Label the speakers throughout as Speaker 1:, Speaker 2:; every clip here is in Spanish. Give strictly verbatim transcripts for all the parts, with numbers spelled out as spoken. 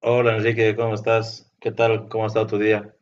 Speaker 1: Hola Enrique, ¿cómo estás? ¿Qué tal? ¿Cómo ha estado tu día?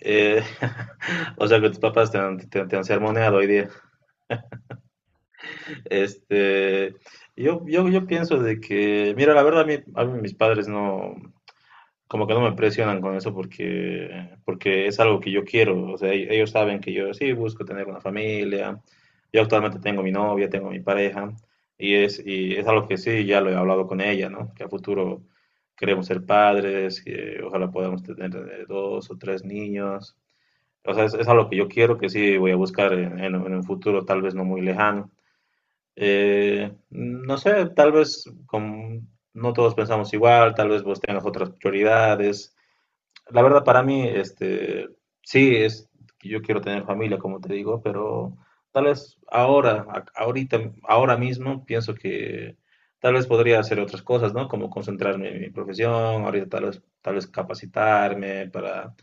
Speaker 1: Eh, o sea que tus papás te han, te, te han sermoneado hoy día. Este, yo, yo, yo pienso de que, mira, la verdad a mí, a mí mis padres no, como que no me presionan con eso porque, porque es algo que yo quiero. O sea, e- ellos saben que yo sí busco tener una familia. Yo actualmente tengo mi novia, tengo mi pareja y es, y es algo que sí, ya lo he hablado con ella, ¿no? Que a futuro queremos ser padres, que ojalá podamos tener eh, dos o tres niños. O sea, es, es algo que yo quiero, que sí voy a buscar en, en- en un futuro tal vez no muy lejano. Eh, no sé, tal vez con- no todos pensamos igual, tal vez vos tengas otras prioridades. La verdad para mí, este, sí, es, que yo quiero tener familia, como te digo, pero tal vez ahora, a- ahorita, ahora mismo, pienso que tal vez podría hacer otras cosas, ¿no? Como concentrarme en mi profesión, ahorita tal vez, tal vez capacitarme para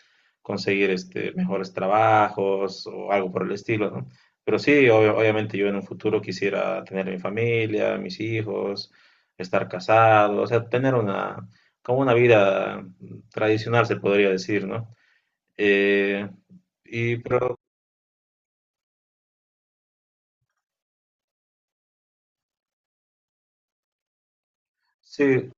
Speaker 1: conseguir este, mejores trabajos o algo por el estilo, ¿no? Pero sí, obvio- obviamente yo en un futuro quisiera tener mi familia, mis hijos, estar casado, o sea, tener una, como una vida tradicional, se podría decir, ¿no? Eh, y, pero sí,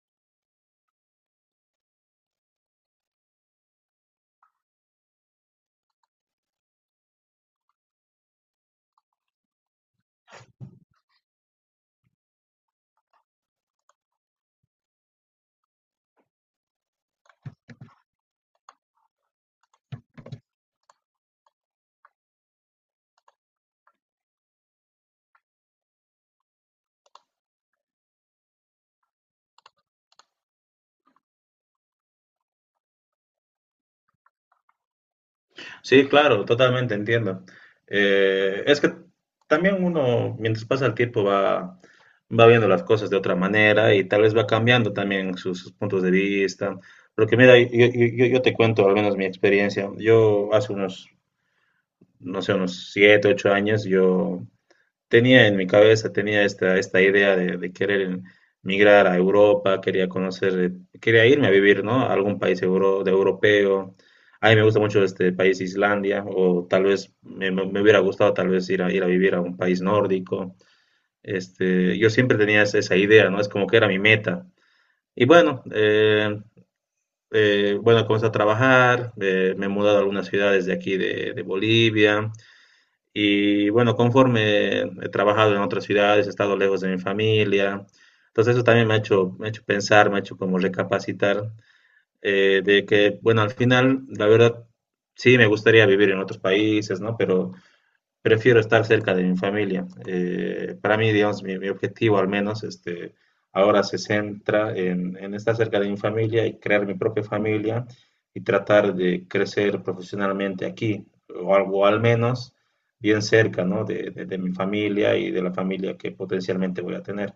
Speaker 1: sí, claro, totalmente entiendo. Eh, es que también uno, mientras pasa el tiempo, va, va viendo las cosas de otra manera y tal vez va cambiando también sus, sus puntos de vista. Porque mira, yo, yo- yo- yo te cuento al menos mi experiencia. Yo hace unos, no sé, unos siete, ocho años, yo tenía en mi cabeza, tenía esta, esta idea de, de querer migrar a Europa, quería conocer, eh, quería irme a vivir, ¿no? A algún país euro, de europeo. A mí me gusta mucho este país Islandia, o tal vez me, me- me hubiera gustado tal vez ir a, ir a vivir a un país nórdico. Este, yo siempre tenía esa, esa idea, ¿no? Es como que era mi meta. Y bueno, eh, eh, bueno, comencé a trabajar, eh, me he mudado a algunas ciudades de aquí de, de Bolivia, y bueno, conforme he trabajado en otras ciudades, he estado lejos de mi familia. Entonces eso también me ha hecho, me ha hecho pensar, me ha hecho como recapacitar eh, de que, bueno, al final, la verdad, sí me gustaría vivir en otros países, ¿no? Pero prefiero estar cerca de mi familia. Eh, para mí, digamos, mi, mi objetivo al menos este, ahora se centra en, en estar cerca de mi familia y crear mi propia familia y tratar de crecer profesionalmente aquí, o, al- o al menos bien cerca, ¿no? de, de- de mi familia y de la familia que potencialmente voy a tener.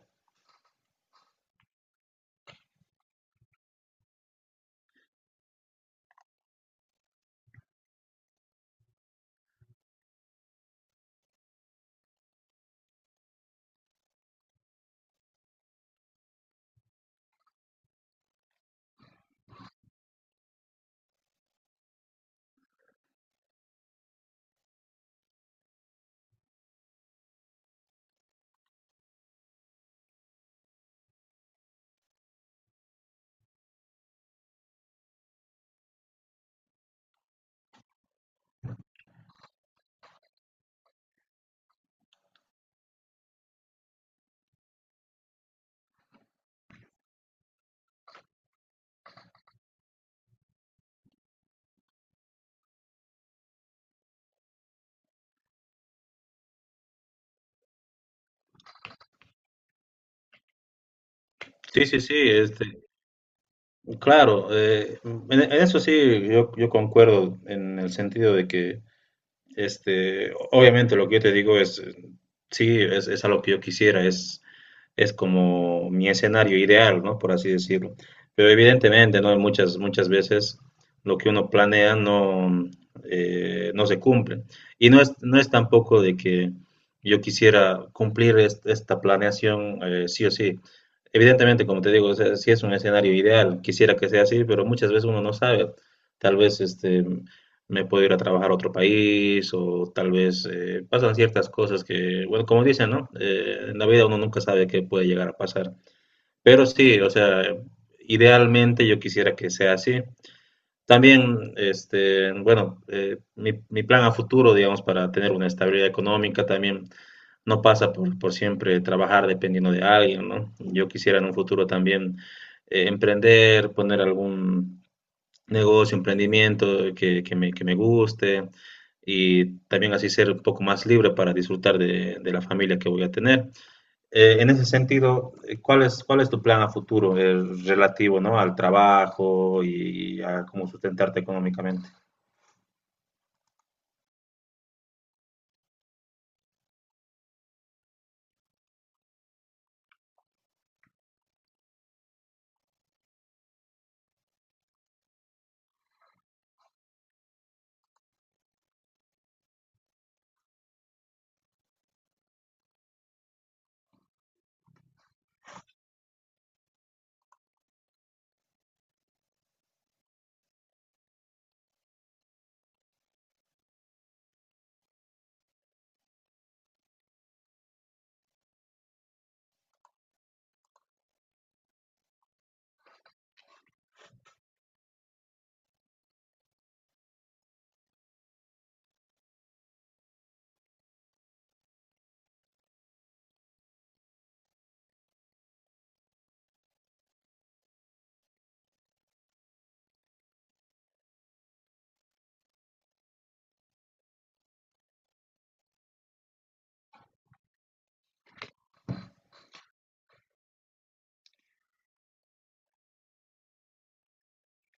Speaker 1: Sí, sí, sí, este, claro, eh, en, en eso sí, yo, yo concuerdo en el sentido de que este, obviamente lo que yo te digo es, eh, sí, es, es a lo que yo quisiera, es, es como mi escenario ideal, ¿no? Por así decirlo. Pero evidentemente, ¿no? Muchas, muchas veces lo que uno planea no, eh, no se cumple. Y no es, no es tampoco de que yo quisiera cumplir est- esta planeación eh, sí o sí. Evidentemente, como te digo, o sea, sí es un escenario ideal, quisiera que sea así, pero muchas veces uno no sabe. Tal vez este, me puedo ir a trabajar a otro país o tal vez eh, pasan ciertas cosas que, bueno, como dicen, ¿no? Eh, en la vida uno nunca sabe qué puede llegar a pasar. Pero sí, o sea, idealmente yo quisiera que sea así. También, este, bueno, eh, mi, mi plan a futuro, digamos, para tener una estabilidad económica también no pasa por, por siempre trabajar dependiendo de alguien, ¿no? Yo quisiera en un futuro también eh, emprender, poner algún negocio, emprendimiento que, que me, que me guste y también así ser un poco más libre para disfrutar de, de la familia que voy a tener. Eh, en ese sentido, eh, ¿cuál es, ¿cuál es tu plan a futuro eh, relativo, ¿no? al trabajo y a cómo sustentarte económicamente?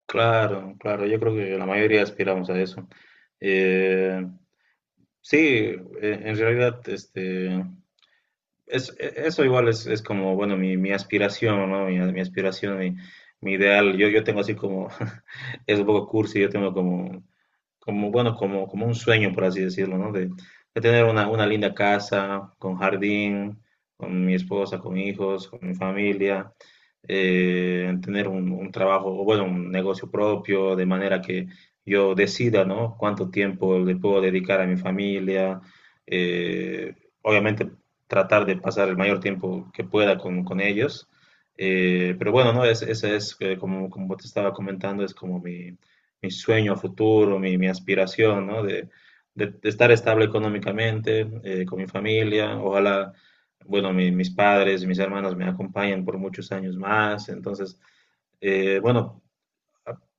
Speaker 1: Claro, claro, yo creo que la mayoría aspiramos a eso. Eh, sí, eh, en realidad, este, es- e- eso igual es, es como, bueno, mi, mi aspiración, ¿no? Mi, mi aspiración, mi, mi ideal. Yo, yo tengo así como, es un poco cursi, yo tengo como como, bueno, como, como un sueño, por así decirlo, ¿no? De, de tener una, una linda casa, con jardín, con mi esposa, con hijos, con mi familia, eh, tener un, un trabajo, o bueno, un negocio propio, de manera que yo decida, ¿no? Cuánto tiempo le puedo dedicar a mi familia, eh, obviamente tratar de pasar el mayor tiempo que pueda con, con ellos. Eh, pero bueno, no, es, ese es eh, como, como te estaba comentando, es como mi, mi sueño futuro, mi, mi aspiración, ¿no? De, de- de estar estable económicamente, eh, con mi familia. Ojalá, bueno, mi- mis padres y mis hermanos me acompañen por muchos años más. Entonces, eh, bueno,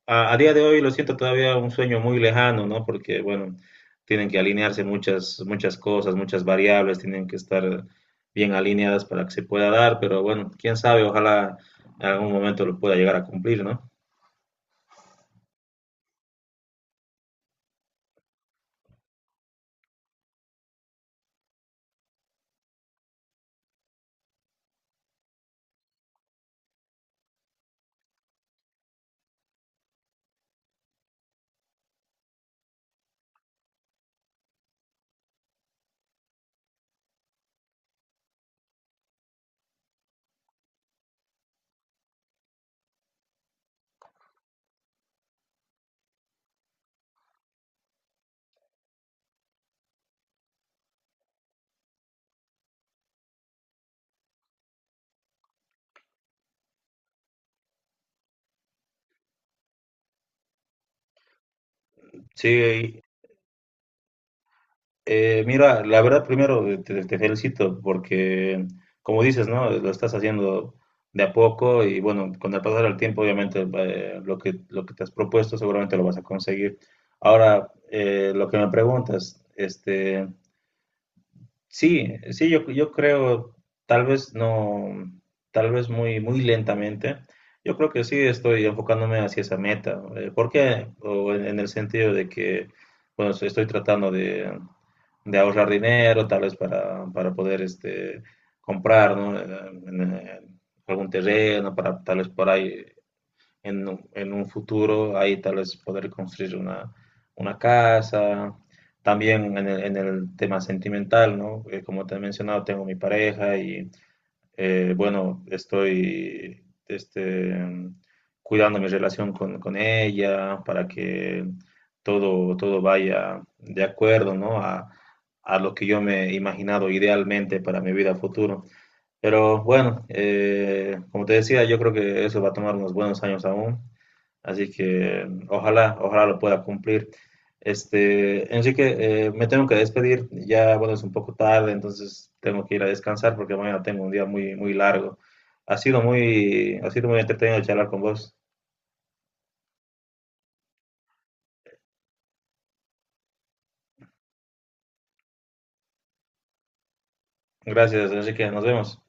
Speaker 1: a, a día de hoy lo siento todavía un sueño muy lejano, ¿no? Porque, bueno, tienen que alinearse muchas, muchas cosas, muchas variables, tienen que estar bien alineadas para que se pueda dar, pero bueno, quién sabe, ojalá en algún momento lo pueda llegar a cumplir, ¿no? Sí, eh, mira, la verdad, primero eh, te, te felicito porque, como dices, ¿no? Lo estás haciendo de a poco y bueno, con el pasar del tiempo, obviamente, eh, lo que, lo que te has propuesto seguramente lo vas a conseguir. Ahora, eh, lo que me preguntas, este, sí, sí, yo, yo creo, tal vez no, tal vez muy, muy lentamente, yo creo que sí estoy enfocándome hacia esa meta. Eh, ¿por qué? O en, en el sentido de que, bueno, estoy tratando de de ahorrar dinero, tal vez para, para poder este, comprar ¿no? Eh, en, en algún terreno, para tal vez por ahí en, un- en un futuro, ahí tal vez poder construir una, una casa. También en el, en el tema sentimental, ¿no? Eh, como te he mencionado, tengo mi pareja y eh, bueno, estoy este, cuidando mi relación con, con ella para que todo, todo vaya de acuerdo, ¿no? A, a lo que yo me he imaginado idealmente para mi vida futuro. Pero bueno, eh, como te decía, yo creo que eso va a tomar unos buenos años aún. Así que ojalá, ojalá lo pueda cumplir. Este, Enrique, eh, me tengo que despedir. Ya, bueno, es un poco tarde, entonces tengo que ir a descansar porque mañana tengo un día muy, muy largo. Ha sido muy, ha sido muy entretenido charlar con vos. Gracias, Enrique. Nos vemos.